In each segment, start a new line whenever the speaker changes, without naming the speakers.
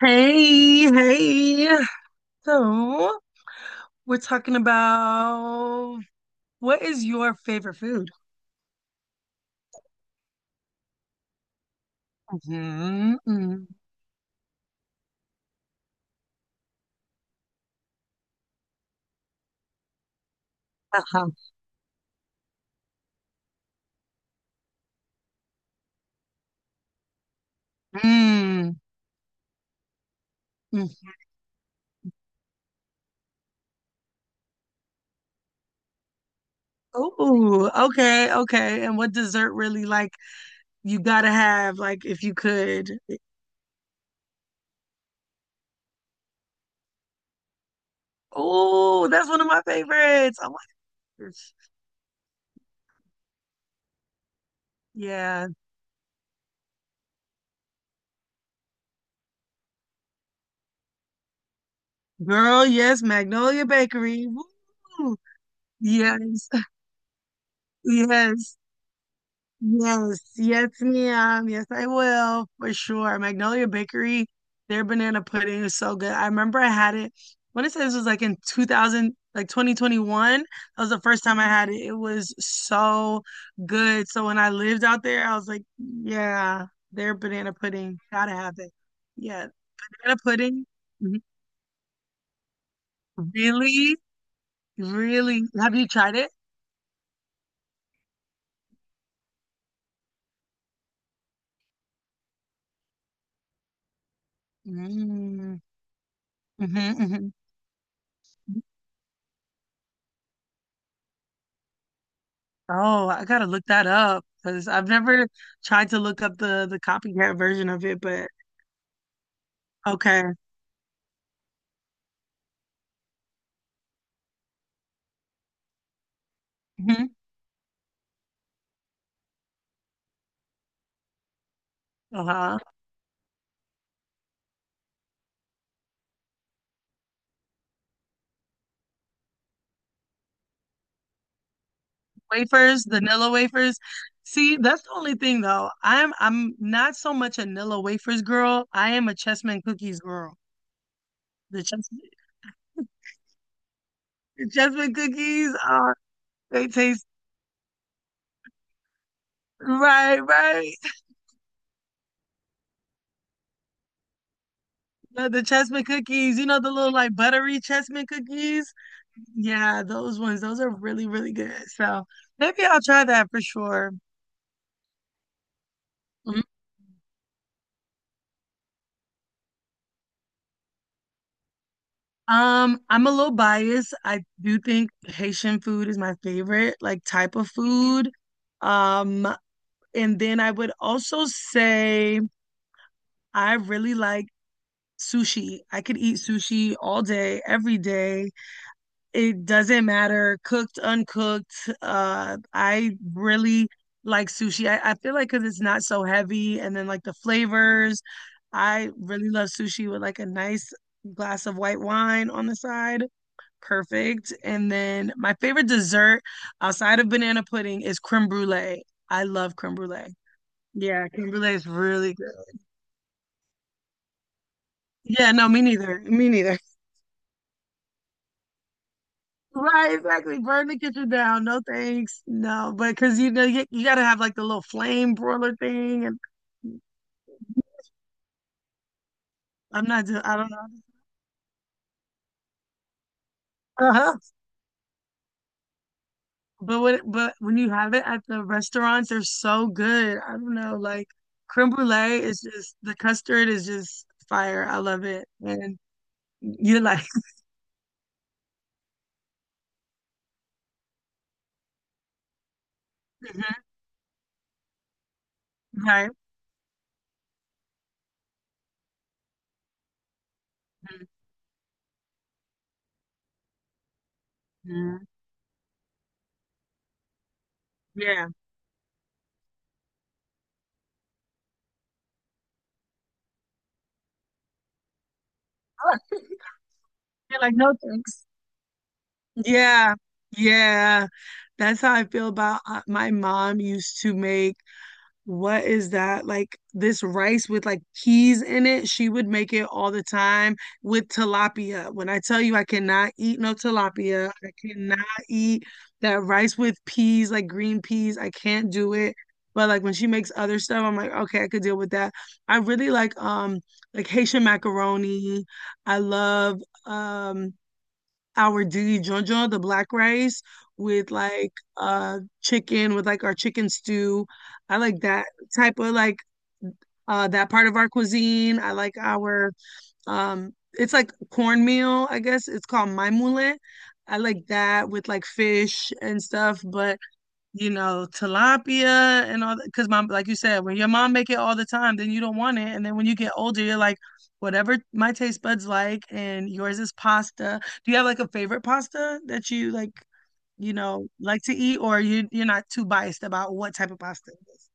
Hey, hey. So, we're talking about what is your favorite food? Mm-hmm, mm, uh-huh, mm, mm. Oh, okay, okay. And what dessert really like you gotta have, like if you could. Oh, that's one of my favorites. Oh my gosh. Yeah. Girl, yes, Magnolia Bakery. Woo. Yes, yes. Yes, yes, ma'am. Yes, I will for sure. Magnolia Bakery, their banana pudding is so good. I remember I had it when it says it was like in 2000, like 2021. That was the first time I had it. It was so good. So when I lived out there, I was like, yeah, their banana pudding, gotta have it. Yeah, banana pudding. Mhm. Really, really. Have you tried it? Mm-hmm, hmm. Oh, I gotta look that up because I've never tried to look up the copycat version of it, but okay. Mhm. Uh-huh. Wafers, vanilla wafers. See, that's the only thing though. I'm not so much a vanilla wafers girl. I am a chessman cookies girl. The chess the chessman cookies are they taste right, right. The chessman cookies, you know, the little like buttery chessman cookies. Yeah, those ones, those are really, really good. So maybe I'll try that for sure. Mhm. I'm a little biased. I do think Haitian food is my favorite, like type of food. Um, and then I would also say I really like sushi. I could eat sushi all day, every day. It doesn't matter, cooked, uncooked. I really like sushi. I feel like because it's not so heavy, and then like the flavors. I really love sushi with like a nice glass of white wine on the side. Perfect. And then my favorite dessert outside of banana pudding is creme brulee. I love creme brulee. Yeah, creme brulee is really good. Yeah, no, me neither. Me neither. Right, exactly. Burn the kitchen down. No thanks. No, but because you know you, you gotta have like the little flame broiler thing, and I'm not doing. I don't know. Uh-huh. But when you have it at the restaurants, they're so good. I don't know, like creme brulee is just the custard is just fire. I love it, and you like mhm, right. Mhm, yeah. You're like, no thanks. Yeah. Yeah. That's how I feel about my mom used to make what is that? Like this rice with like peas in it. She would make it all the time with tilapia. When I tell you I cannot eat no tilapia, I cannot eat that rice with peas, like green peas. I can't do it. But like when she makes other stuff, I'm like, okay, I could deal with that. I really like Haitian macaroni. I love um our diligencia, the black rice with like chicken with like our chicken stew. I like that type of like that part of our cuisine. I like our it's like cornmeal, I guess. It's called maimule. I like that with like fish and stuff, but you know, tilapia and all that. Because mom, like you said, when your mom make it all the time, then you don't want it. And then when you get older, you're like, whatever my taste buds like, and yours is pasta. Do you have like a favorite pasta that you like, you know, like to eat, or you're not too biased about what type of pasta it is?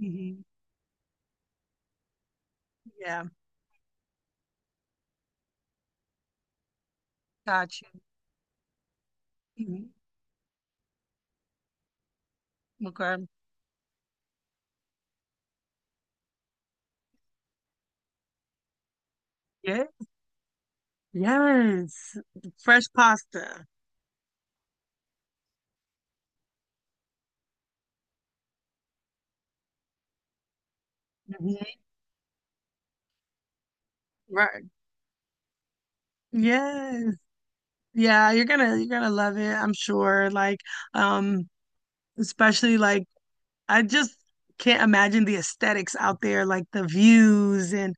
Mm-hmm. Yeah, got you. Mhm. Okay. Yeah. Yes. Fresh pasta. Mhm. Right. Yes. Yeah, you're gonna love it, I'm sure. Like, um, especially like I just can't imagine the aesthetics out there, like the views and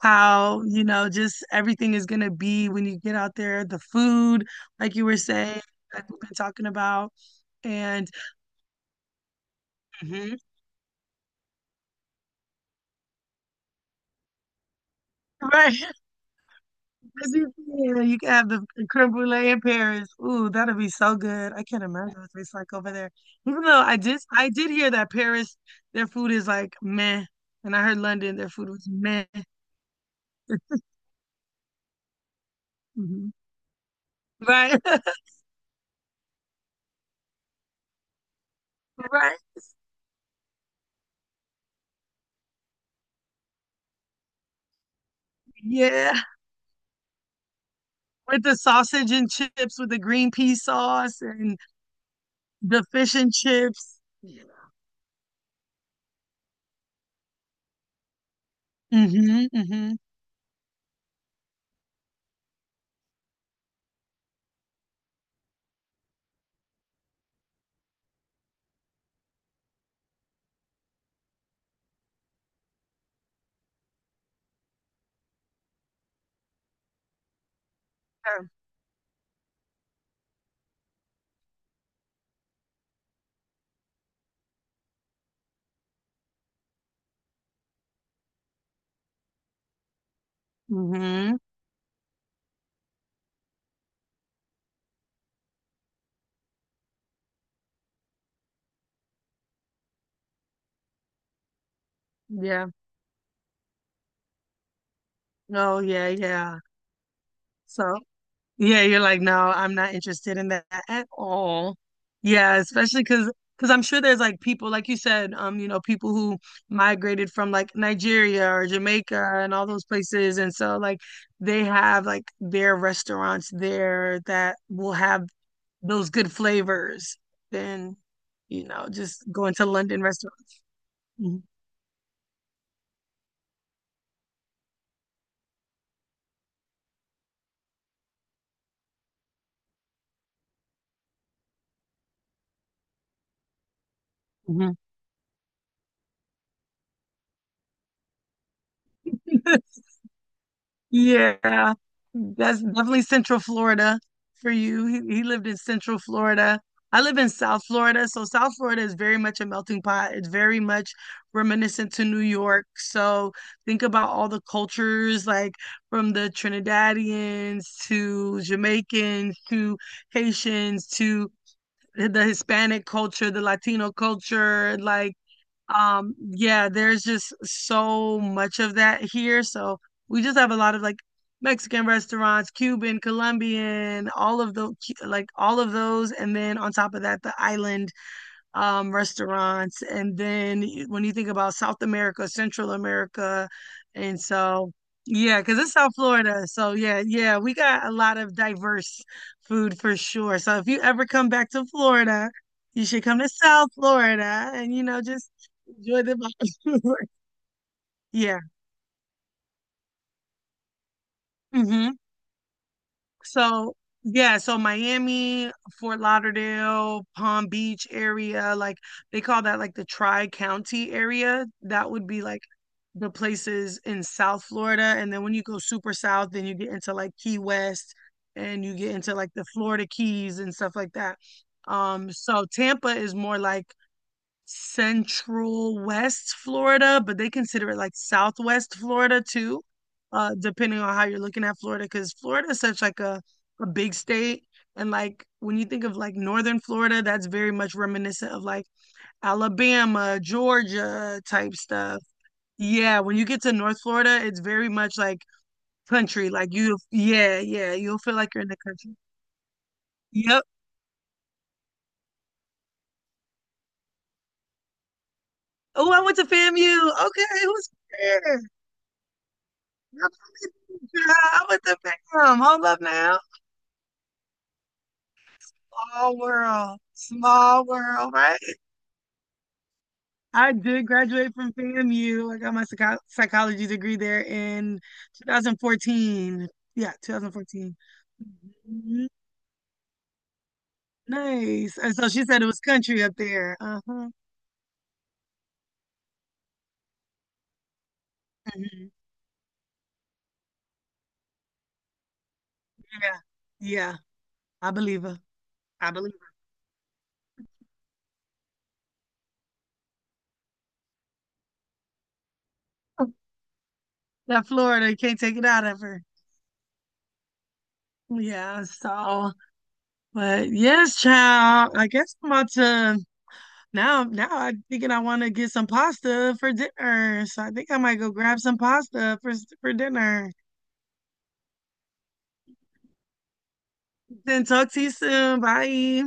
how, you know, just everything is gonna be when you get out there, the food, like you were saying, like we've been talking about. And hmm right, as you said, you can have the creme brulee in Paris. Ooh, that'll be so good. I can't imagine what it's like over there. Even though I did hear that Paris, their food is like meh, and I heard London, their food was meh. Mhm. Right, right. Yeah, with the sausage and chips with the green pea sauce and the fish and chips. Yeah. Mhm, mhm. Yeah. Mhm. Yeah. Oh, yeah, yeah. So, yeah, you're like, no, I'm not interested in that at all. Yeah, especially because I'm sure there's like people, like you said, you know, people who migrated from like Nigeria or Jamaica and all those places, and so like they have like their restaurants there that will have those good flavors than, you know, just going to London restaurants. Mhm. Mhm. Yeah, that's definitely Central Florida for you. He lived in Central Florida. I live in South Florida, so South Florida is very much a melting pot. It's very much reminiscent to New York. So think about all the cultures, like from the Trinidadians to Jamaicans to Haitians to the Hispanic culture, the Latino culture, like yeah, there's just so much of that here. So we just have a lot of like Mexican restaurants, Cuban, Colombian, all of the like all of those and then on top of that the island restaurants. And then when you think about South America, Central America, and so yeah, because it's South Florida. So yeah, yeah, we got a lot of diverse food for sure. So if you ever come back to Florida, you should come to South Florida and you know just enjoy the vibe. Yeah. Hmm. So, yeah, so Miami, Fort Lauderdale, Palm Beach area, like they call that like the tri-county area. That would be like the places in South Florida. And then when you go super south, then you get into like Key West and you get into like the Florida Keys and stuff like that. So Tampa is more like Central West Florida, but they consider it like Southwest Florida too, depending on how you're looking at Florida, because Florida is such like a big state. And like when you think of like Northern Florida, that's very much reminiscent of like Alabama, Georgia type stuff. Yeah, when you get to North Florida, it's very much like country. Like you, yeah, yeah, you'll feel like you're in the country. Yep. Oh, I went to FAMU. Okay, who's there? Girl, with the fam. Hold up now. Small world. Small world, right? I did graduate from FAMU. I got my psychology degree there in 2014. Yeah, 2014. Mhm. Nice. And so she said it was country up there. Uh-huh. Mhm. Yeah. Yeah. I believe her. I believe her. That Florida, you can't take it out of her. Yeah, so, but yes, child. I guess I'm about to now, I'm thinking I want to get some pasta for dinner. So I think I might go grab some pasta for dinner. Then talk to you soon. Bye.